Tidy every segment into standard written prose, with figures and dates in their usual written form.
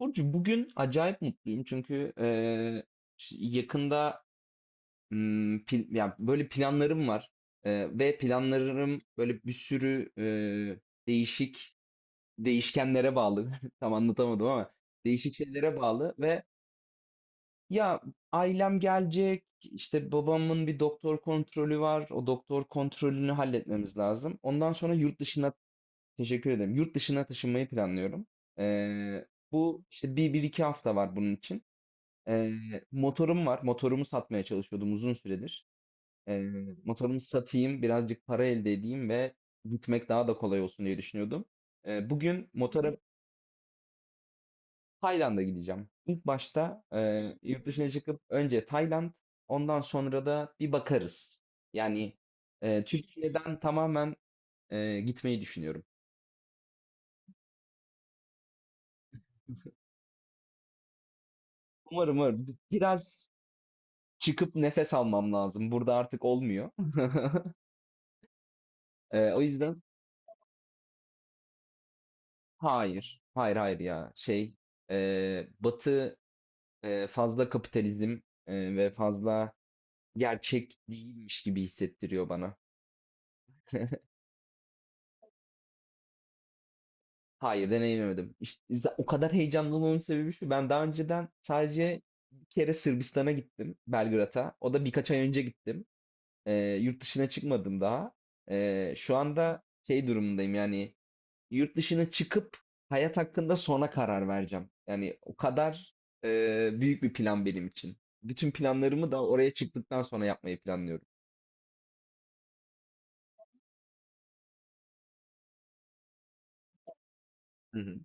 Burcu, bugün acayip mutluyum çünkü yakında ya böyle planlarım var. Ve planlarım böyle bir sürü değişik değişkenlere bağlı. Tam anlatamadım ama değişik şeylere bağlı ve ya ailem gelecek işte, babamın bir doktor kontrolü var, o doktor kontrolünü halletmemiz lazım, ondan sonra yurt dışına. Teşekkür ederim. Yurt dışına taşınmayı planlıyorum. Eee, Bu işte bir iki hafta var bunun için. Motorum var. Motorumu satmaya çalışıyordum uzun süredir. Eee, Motorumu satayım, birazcık para elde edeyim ve gitmek daha da kolay olsun diye düşünüyordum. Bugün motora. Tayland'a gideceğim. İlk başta yurt dışına çıkıp önce Tayland, ondan sonra da bir bakarız. Yani Türkiye'den tamamen gitmeyi düşünüyorum. Umarım, umarım. Biraz çıkıp nefes almam lazım. Burada artık olmuyor. O yüzden hayır, hayır, hayır ya. Şey, Batı, fazla kapitalizm, ve fazla gerçek değilmiş gibi hissettiriyor bana. Hayır, deneyimlemedim. İşte, o kadar heyecanlı olmamın sebebi şu. Ben daha önceden sadece bir kere Sırbistan'a gittim, Belgrad'a. O da birkaç ay önce gittim. E, Yurt dışına çıkmadım daha. Şu anda şey durumundayım, yani yurt dışına çıkıp hayat hakkında sonra karar vereceğim. Yani o kadar büyük bir plan benim için. Bütün planlarımı da oraya çıktıktan sonra yapmayı planlıyorum. Hı hı.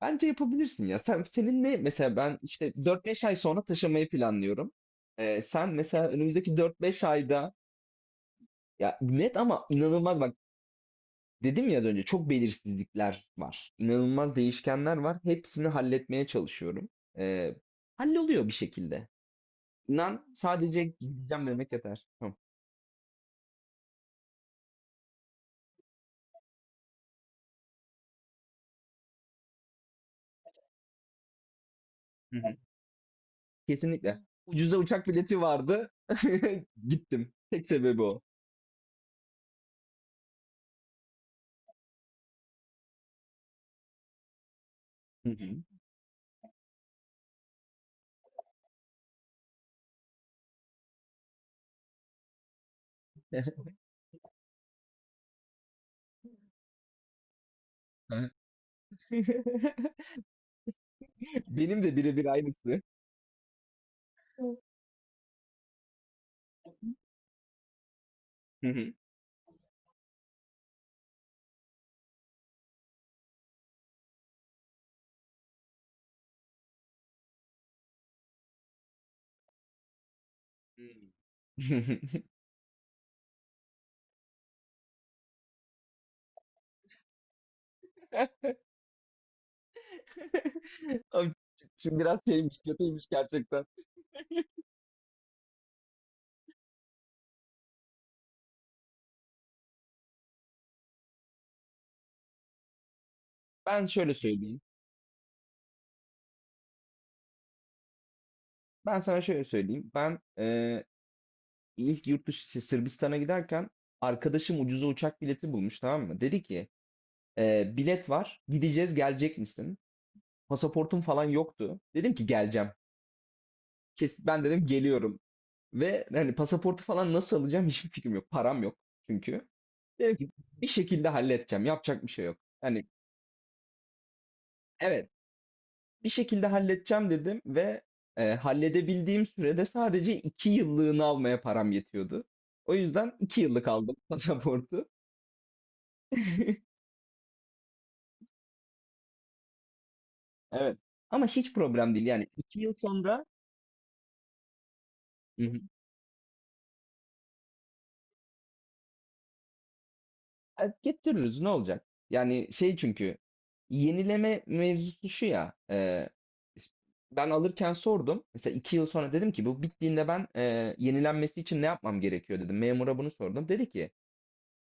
Bence yapabilirsin ya. Sen, senin ne, mesela ben işte dört beş ay sonra taşımayı planlıyorum. Sen mesela önümüzdeki dört beş ayda, ya net ama inanılmaz, bak dedim ya az önce, çok belirsizlikler var. İnanılmaz değişkenler var. Hepsini halletmeye çalışıyorum. Ee, Halloluyor bir şekilde. Sadece gideceğim demek yeter. Tamam. Hı hı. Kesinlikle. Ucuza uçak bileti vardı. Gittim. Tek sebebi o. Hı hı. Benim de birebir aynısı. Hı hı. Abi. Şimdi biraz şeymiş, kötüymüş gerçekten. Ben şöyle söyleyeyim. Ben sana şöyle söyleyeyim. Ben ilk yurt dışı şey, Sırbistan'a giderken arkadaşım ucuza uçak bileti bulmuş, tamam mı? Dedi ki: Bilet var. Gideceğiz, gelecek misin? Pasaportum falan yoktu. Dedim ki geleceğim. Kes, ben dedim geliyorum. Ve hani pasaportu falan nasıl alacağım hiçbir fikrim yok. Param yok çünkü. Dedim ki bir şekilde halledeceğim. Yapacak bir şey yok. Hani evet, bir şekilde halledeceğim dedim ve halledebildiğim sürede sadece iki yıllığını almaya param yetiyordu. O yüzden iki yıllık aldım pasaportu. Evet. Ama hiç problem değil. Yani iki yıl sonra. Getiririz, ne olacak? Yani şey, çünkü yenileme mevzusu şu ya. Ben alırken sordum. Mesela iki yıl sonra dedim ki bu bittiğinde ben, yenilenmesi için ne yapmam gerekiyor dedim. Memura bunu sordum. Dedi ki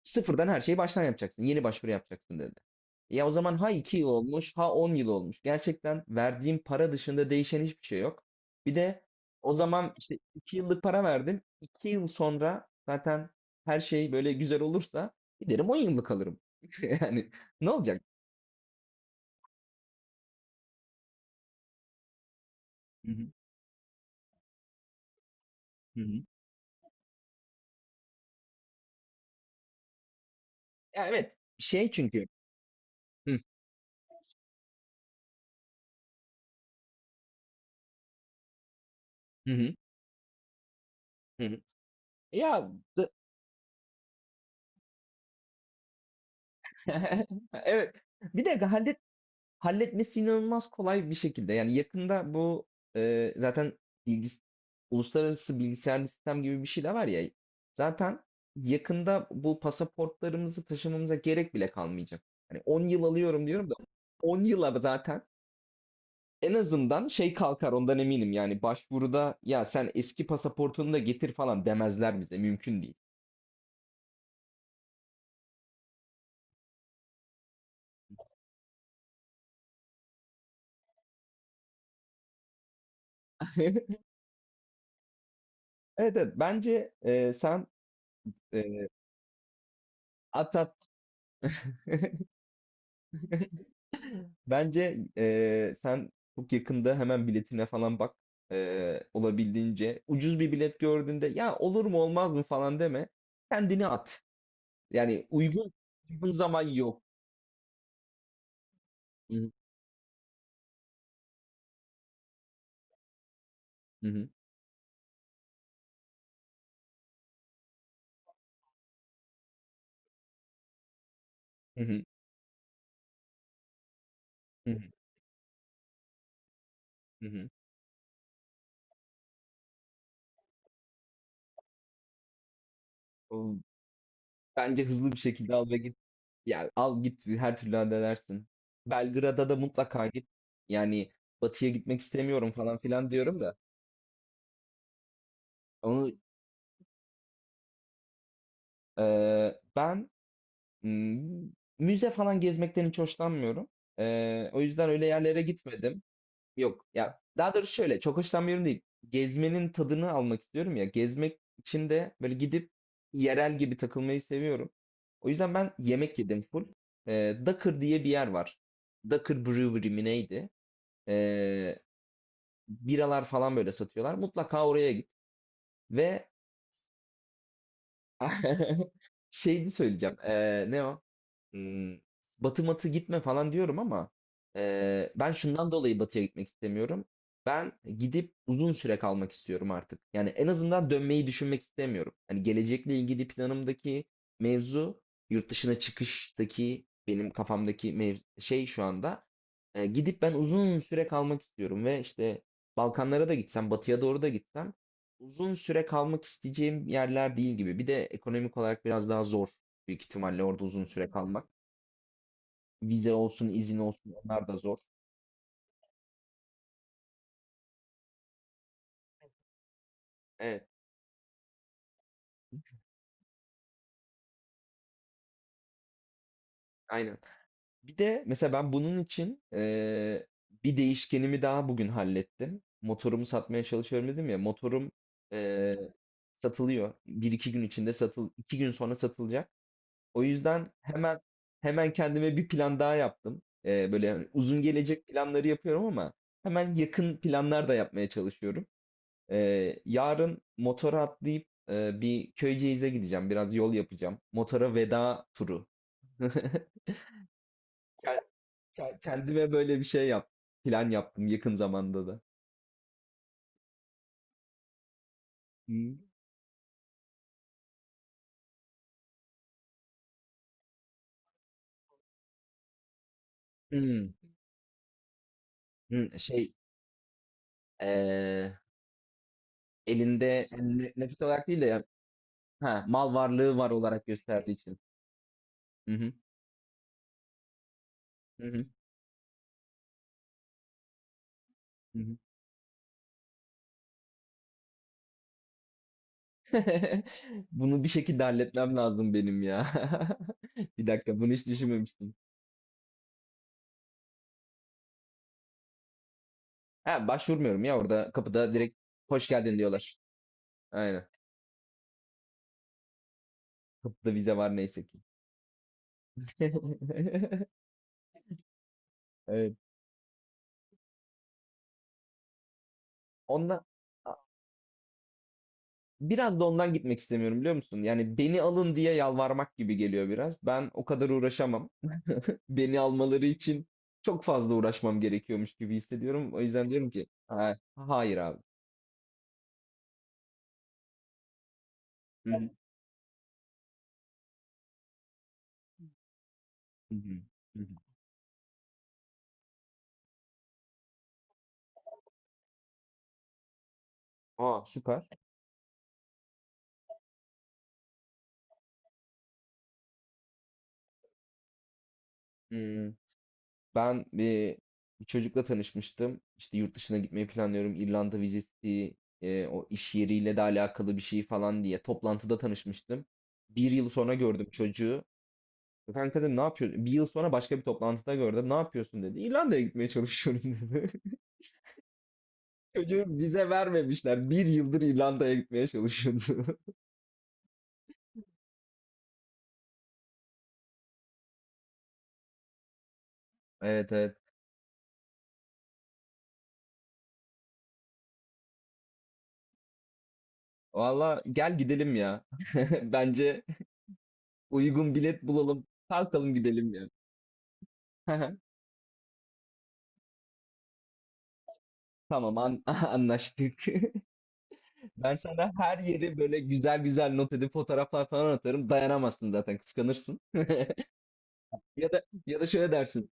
sıfırdan her şeyi baştan yapacaksın. Yeni başvuru yapacaksın dedi. Ya o zaman ha 2 yıl olmuş, ha 10 yıl olmuş. Gerçekten verdiğim para dışında değişen hiçbir şey yok. Bir de o zaman işte 2 yıllık para verdim. İki yıl sonra zaten her şey böyle güzel olursa giderim, 10 yıllık alırım. Yani ne olacak? Hı hı, hı hı. Ya evet. Şey, çünkü. Hı hı. Hı hı. Ya d- evet. Bir de halletmesi inanılmaz kolay bir şekilde. Yani yakında bu, zaten bilgis uluslararası bilgisayarlı sistem gibi bir şey de var ya. Zaten yakında bu pasaportlarımızı taşımamıza gerek bile kalmayacak. Hani 10 yıl alıyorum diyorum da 10 yıla zaten en azından şey kalkar ondan eminim. Yani başvuruda ya sen eski pasaportunu da getir falan demezler bize. Mümkün değil. Evet, evet, bence sen e, at bence sen çok yakında hemen biletine falan bak. Olabildiğince ucuz bir bilet gördüğünde ya olur mu olmaz mı falan deme. Kendini at. Yani uygun zaman yok. Hı hı, hı hı, hı hı, hı. Hı. O- Bence hızlı bir şekilde al ve git. Ya al git, her türlü halledersin. Belgrad'a da mutlaka git. Yani batıya gitmek istemiyorum falan filan diyorum da. Onu ben, Imm, müze falan gezmekten hiç hoşlanmıyorum. O yüzden öyle yerlere gitmedim. Yok ya, daha doğrusu şöyle, çok hoşlanmıyorum değil. Gezmenin tadını almak istiyorum ya. Gezmek için de böyle gidip yerel gibi takılmayı seviyorum. O yüzden ben yemek yedim full. Dakır diye bir yer var. Dakır Brewery mi neydi? Eee, Biralar falan böyle satıyorlar. Mutlaka oraya git. Ve şeydi söyleyeceğim. Ne o? Hmm, Batı matı gitme falan diyorum ama ben şundan dolayı batıya gitmek istemiyorum. Ben gidip uzun süre kalmak istiyorum artık. Yani en azından dönmeyi düşünmek istemiyorum. Hani gelecekle ilgili planımdaki mevzu, yurt dışına çıkıştaki benim kafamdaki şey, şu anda gidip ben uzun süre kalmak istiyorum ve işte Balkanlara da gitsem, batıya doğru da gitsem uzun süre kalmak isteyeceğim yerler değil gibi. Bir de ekonomik olarak biraz daha zor, büyük ihtimalle orada uzun süre kalmak. Vize olsun, izin olsun onlar da zor. Evet, aynen. Bir de mesela ben bunun için bir değişkenimi daha bugün hallettim. Motorumu satmaya çalışıyorum dedim ya. Motorum eee, satılıyor. Bir iki gün içinde iki gün sonra satılacak. O yüzden hemen hemen kendime bir plan daha yaptım. Böyle hani uzun gelecek planları yapıyorum ama hemen yakın planlar da yapmaya çalışıyorum. Yarın motora atlayıp bir Köyceğiz'e gideceğim. Biraz yol yapacağım. Motora veda turu. Ke- Kendime böyle bir şey yap. Plan yaptım yakın zamanda da. Hmm. Hmm, şey eee, elinde nakit olarak değil de ya, ha, mal varlığı var olarak gösterdiği için. Hı hı, hı hı, hı hı. Bunu bir şekilde halletmem lazım benim ya. Bir dakika bunu hiç düşünmemiştim. Ha, başvurmuyorum ya, orada kapıda direkt hoş geldin diyorlar. Aynen. Kapıda vize var neyse ki. Evet. Ondan, A- biraz da ondan gitmek istemiyorum, biliyor musun? Yani beni alın diye yalvarmak gibi geliyor biraz. Ben o kadar uğraşamam. Beni almaları için çok fazla uğraşmam gerekiyormuş gibi hissediyorum. O yüzden diyorum ki: Hayır abi. Hı hı, hı hı, hı hı." Aa, süper. Hmm, Ben bir çocukla tanışmıştım. İşte yurt dışına gitmeyi planlıyorum, İrlanda vizesi, o iş yeriyle de alakalı bir şey falan diye toplantıda tanışmıştım. Bir yıl sonra gördüm çocuğu. Kanka dedim, ne yapıyorsun? Bir yıl sonra başka bir toplantıda gördüm. Ne yapıyorsun dedi. İrlanda'ya gitmeye çalışıyorum dedi. Çocuğu vize vermemişler. Bir yıldır İrlanda'ya gitmeye çalışıyordu. Evet, evet. Valla, gel gidelim ya. Bence uygun bilet bulalım. Kalkalım, gidelim ya. Tamam, anlaştık. Ben sana her yeri böyle güzel güzel not edip fotoğraflar falan atarım. Dayanamazsın zaten, kıskanırsın. Ya da şöyle dersin.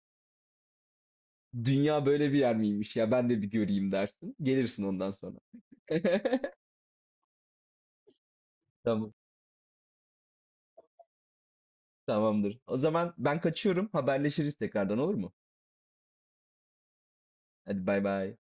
Dünya böyle bir yer miymiş ya, ben de bir göreyim dersin. Gelirsin ondan sonra. Tamam. Tamamdır. O zaman ben kaçıyorum. Haberleşiriz tekrardan, olur mu? Hadi bay bay.